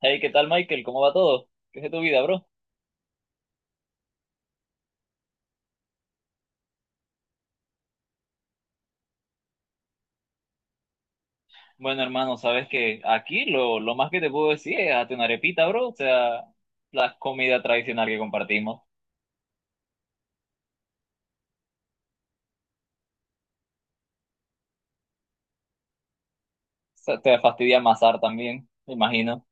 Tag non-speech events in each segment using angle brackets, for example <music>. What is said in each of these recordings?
Hey, ¿qué tal, Michael? ¿Cómo va todo? ¿Qué es de tu vida, bro? Bueno, hermano, sabes que aquí lo más que te puedo decir es hazte una arepita, bro. O sea, la comida tradicional que compartimos. O sea, te fastidia amasar también, me imagino.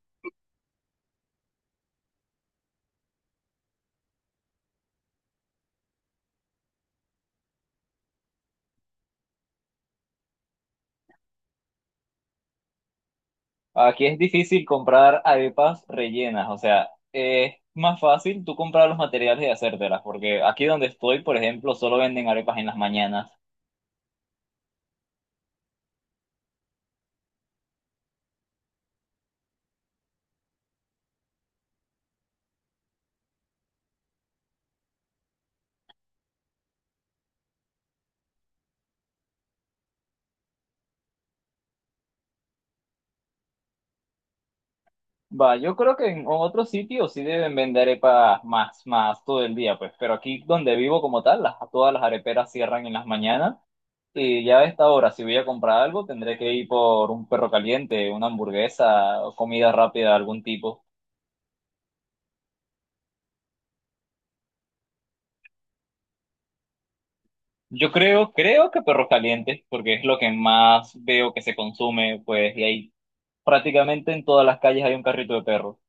Aquí es difícil comprar arepas rellenas. O sea, es más fácil tú comprar los materiales y hacértelas. Porque aquí donde estoy, por ejemplo, solo venden arepas en las mañanas. Va, yo creo que en otros sitios sí deben vender arepas más todo el día, pues, pero aquí donde vivo como tal, las, todas las areperas cierran en las mañanas y ya a esta hora, si voy a comprar algo, tendré que ir por un perro caliente, una hamburguesa, o comida rápida de algún tipo. Yo creo, creo que perro caliente, porque es lo que más veo que se consume, pues, y ahí prácticamente en todas las calles hay un carrito de perro.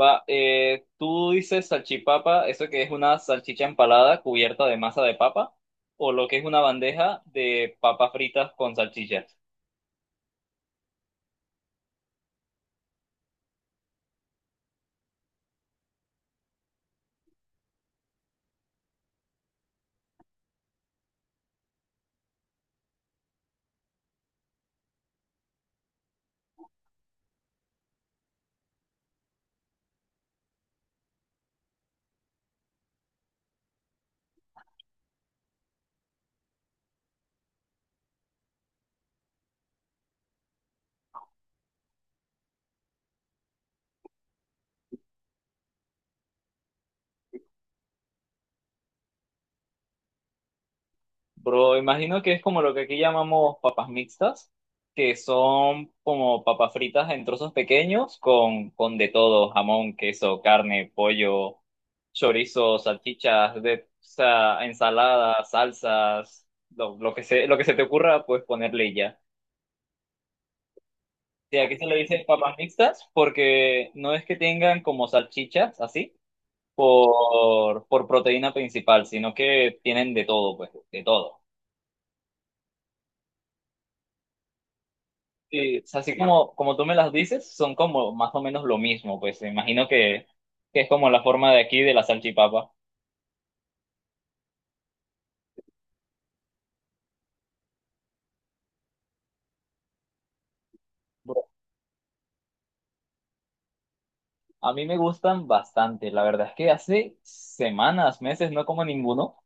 Va, tú dices salchipapa, eso que es una salchicha empalada cubierta de masa de papa, o lo que es una bandeja de papas fritas con salchichas. Bro, imagino que es como lo que aquí llamamos papas mixtas, que son como papas fritas en trozos pequeños con de todo, jamón, queso, carne, pollo, chorizo, salchichas, de, o sea, ensaladas, salsas, lo, lo que se te ocurra, pues ponerle y ya. Sí, aquí se le dice papas mixtas porque no es que tengan como salchichas así por proteína principal, sino que tienen de todo, pues, de todo. Sí, o sea, así como, como tú me las dices, son como más o menos lo mismo, pues me imagino que es como la forma de aquí de la salchipapa. Bro, a mí me gustan bastante, la verdad es que hace semanas, meses no como ninguno,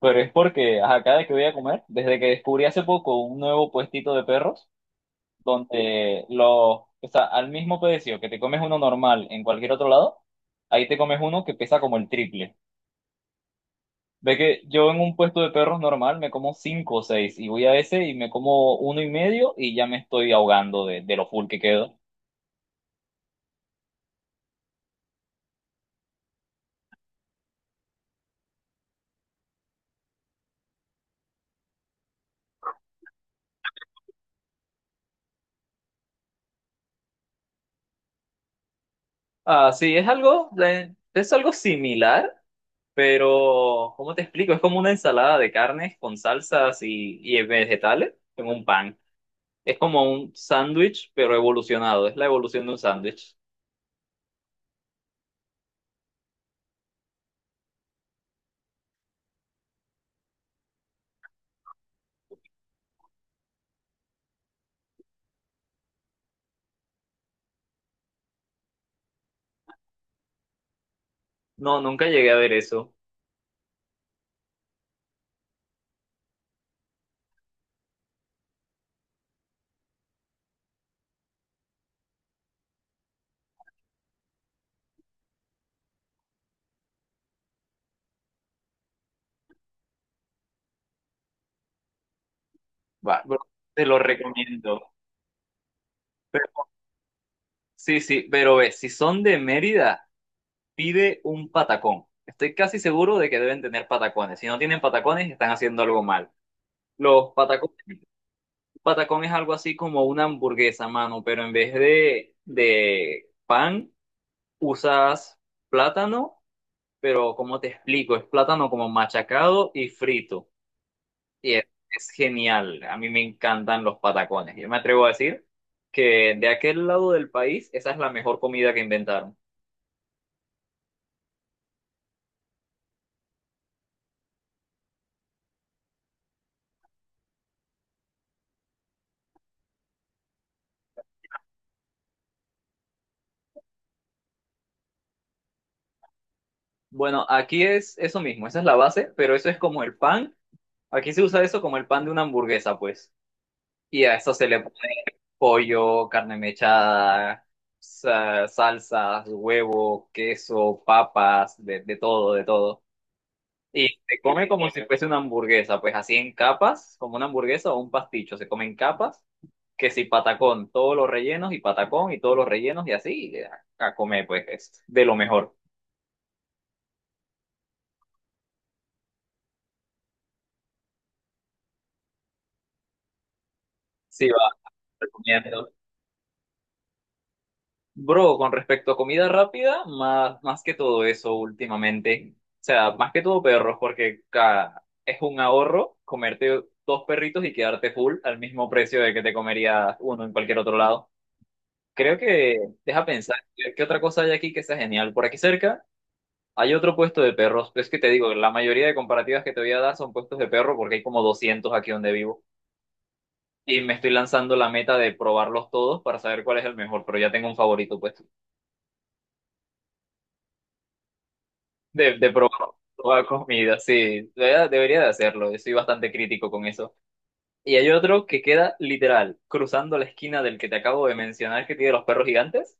pero es porque ajá, cada que voy a comer, desde que descubrí hace poco un nuevo puestito de perros, donde los, o sea, al mismo precio que te comes uno normal en cualquier otro lado, ahí te comes uno que pesa como el triple. Ve que yo en un puesto de perros normal me como cinco o seis y voy a ese y me como uno y medio y ya me estoy ahogando de lo full que quedo. Ah, sí, es algo similar, pero ¿cómo te explico? Es como una ensalada de carnes con salsas y vegetales en un pan. Es como un sándwich, pero evolucionado. Es la evolución de un sándwich. No, nunca llegué a ver eso. Va, bro, te lo recomiendo. Pero- sí, sí, pero ve, si son de Mérida, pide un patacón. Estoy casi seguro de que deben tener patacones. Si no tienen patacones, están haciendo algo mal. Los patacones, patacón es algo así como una hamburguesa, mano, pero en vez de pan, usas plátano, pero ¿cómo te explico? Es plátano como machacado y frito. Y es, es genial, a mí me encantan los patacones. Yo me atrevo a decir que de aquel lado del país esa es la mejor comida que inventaron. Bueno, aquí es eso mismo, esa es la base, pero eso es como el pan. Aquí se usa eso como el pan de una hamburguesa, pues. Y a eso se le pone pollo, carne mechada, salsas, huevo, queso, papas, de todo, de todo. Y se come como si fuese una hamburguesa, pues así en capas, como una hamburguesa o un pasticho, se come en capas. Que si patacón, todos los rellenos y patacón y todos los rellenos y así a comer, pues es de lo mejor. Sí, va, recomiendo. Bro, con respecto a comida rápida, más que todo eso últimamente, o sea, más que todo perros, porque es un ahorro comerte dos perritos y quedarte full al mismo precio de que te comerías uno en cualquier otro lado. Creo que, deja pensar, qué otra cosa hay aquí que sea genial? Por aquí cerca hay otro puesto de perros, pero es que te digo, la mayoría de comparativas que te voy a dar son puestos de perro porque hay como 200 aquí donde vivo y me estoy lanzando la meta de probarlos todos para saber cuál es el mejor, pero ya tengo un favorito pues de probar toda comida, sí, debería, debería de hacerlo, soy bastante crítico con eso. Y hay otro que queda literal cruzando la esquina del que te acabo de mencionar que tiene los perros gigantes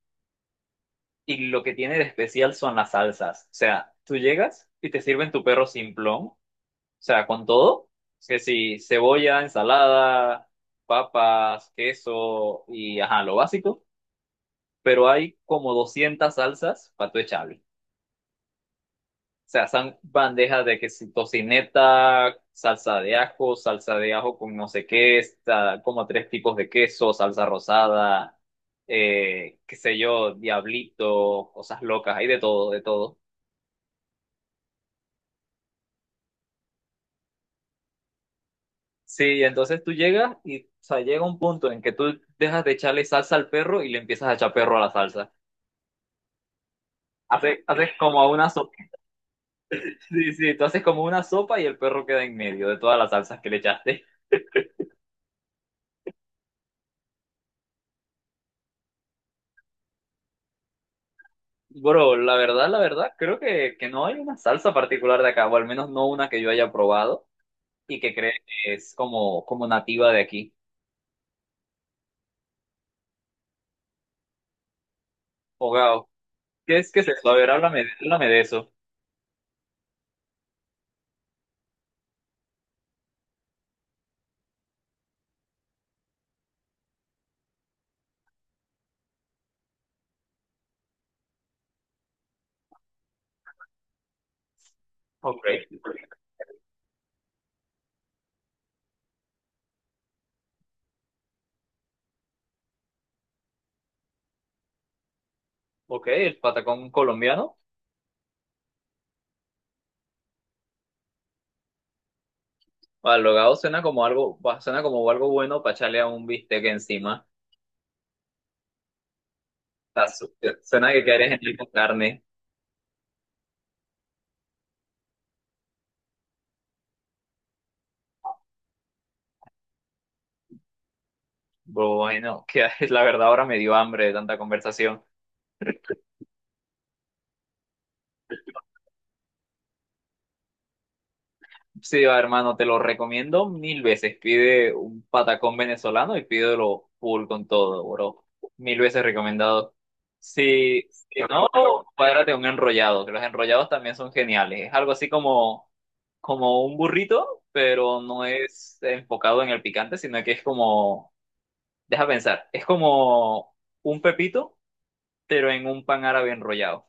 y lo que tiene de especial son las salsas, o sea, tú llegas y te sirven tu perro simplón. O sea, con todo, que si cebolla, ensalada, papas, queso y ajá, lo básico, pero hay como 200 salsas para tu echarle. O sea, son bandejas de que si tocineta, salsa de ajo con no sé qué, está como tres tipos de queso, salsa rosada, qué sé yo, diablito, cosas locas, hay de todo, de todo. Sí, entonces tú llegas y, o sea, llega un punto en que tú dejas de echarle salsa al perro y le empiezas a echar perro a la salsa. Haces, haces como una sopa. <laughs> Sí, sí, tú haces como una sopa y el perro queda en medio de todas las salsas que le echaste. Bro, la verdad, creo que no hay una salsa particular de acá, o al menos no una que yo haya probado y que cree que es como, como nativa de aquí. Hogao, ¿qué es que es eso? A ver, háblame, háblame de eso. Ok, ok, el patacón colombiano. O alogado suena como algo, suena como algo bueno para echarle a un bistec encima. Está su- Suena que quieres en el con carne. Bueno, que <laughs> la verdad ahora me dio hambre de tanta conversación. Sí, va, hermano, te lo recomiendo mil veces. Pide un patacón venezolano y pídelo full con todo, bro. Mil veces recomendado. Si, si no, cuádrate un enrollado, que los enrollados también son geniales. Es algo así como como un burrito, pero no es enfocado en el picante, sino que es como deja pensar, es como un pepito, pero en un pan árabe enrollado.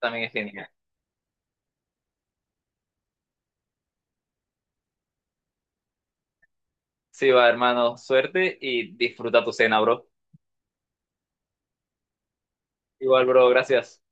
También es genial. Sí, va, hermano, suerte y disfruta tu cena, bro. Igual, bro, gracias.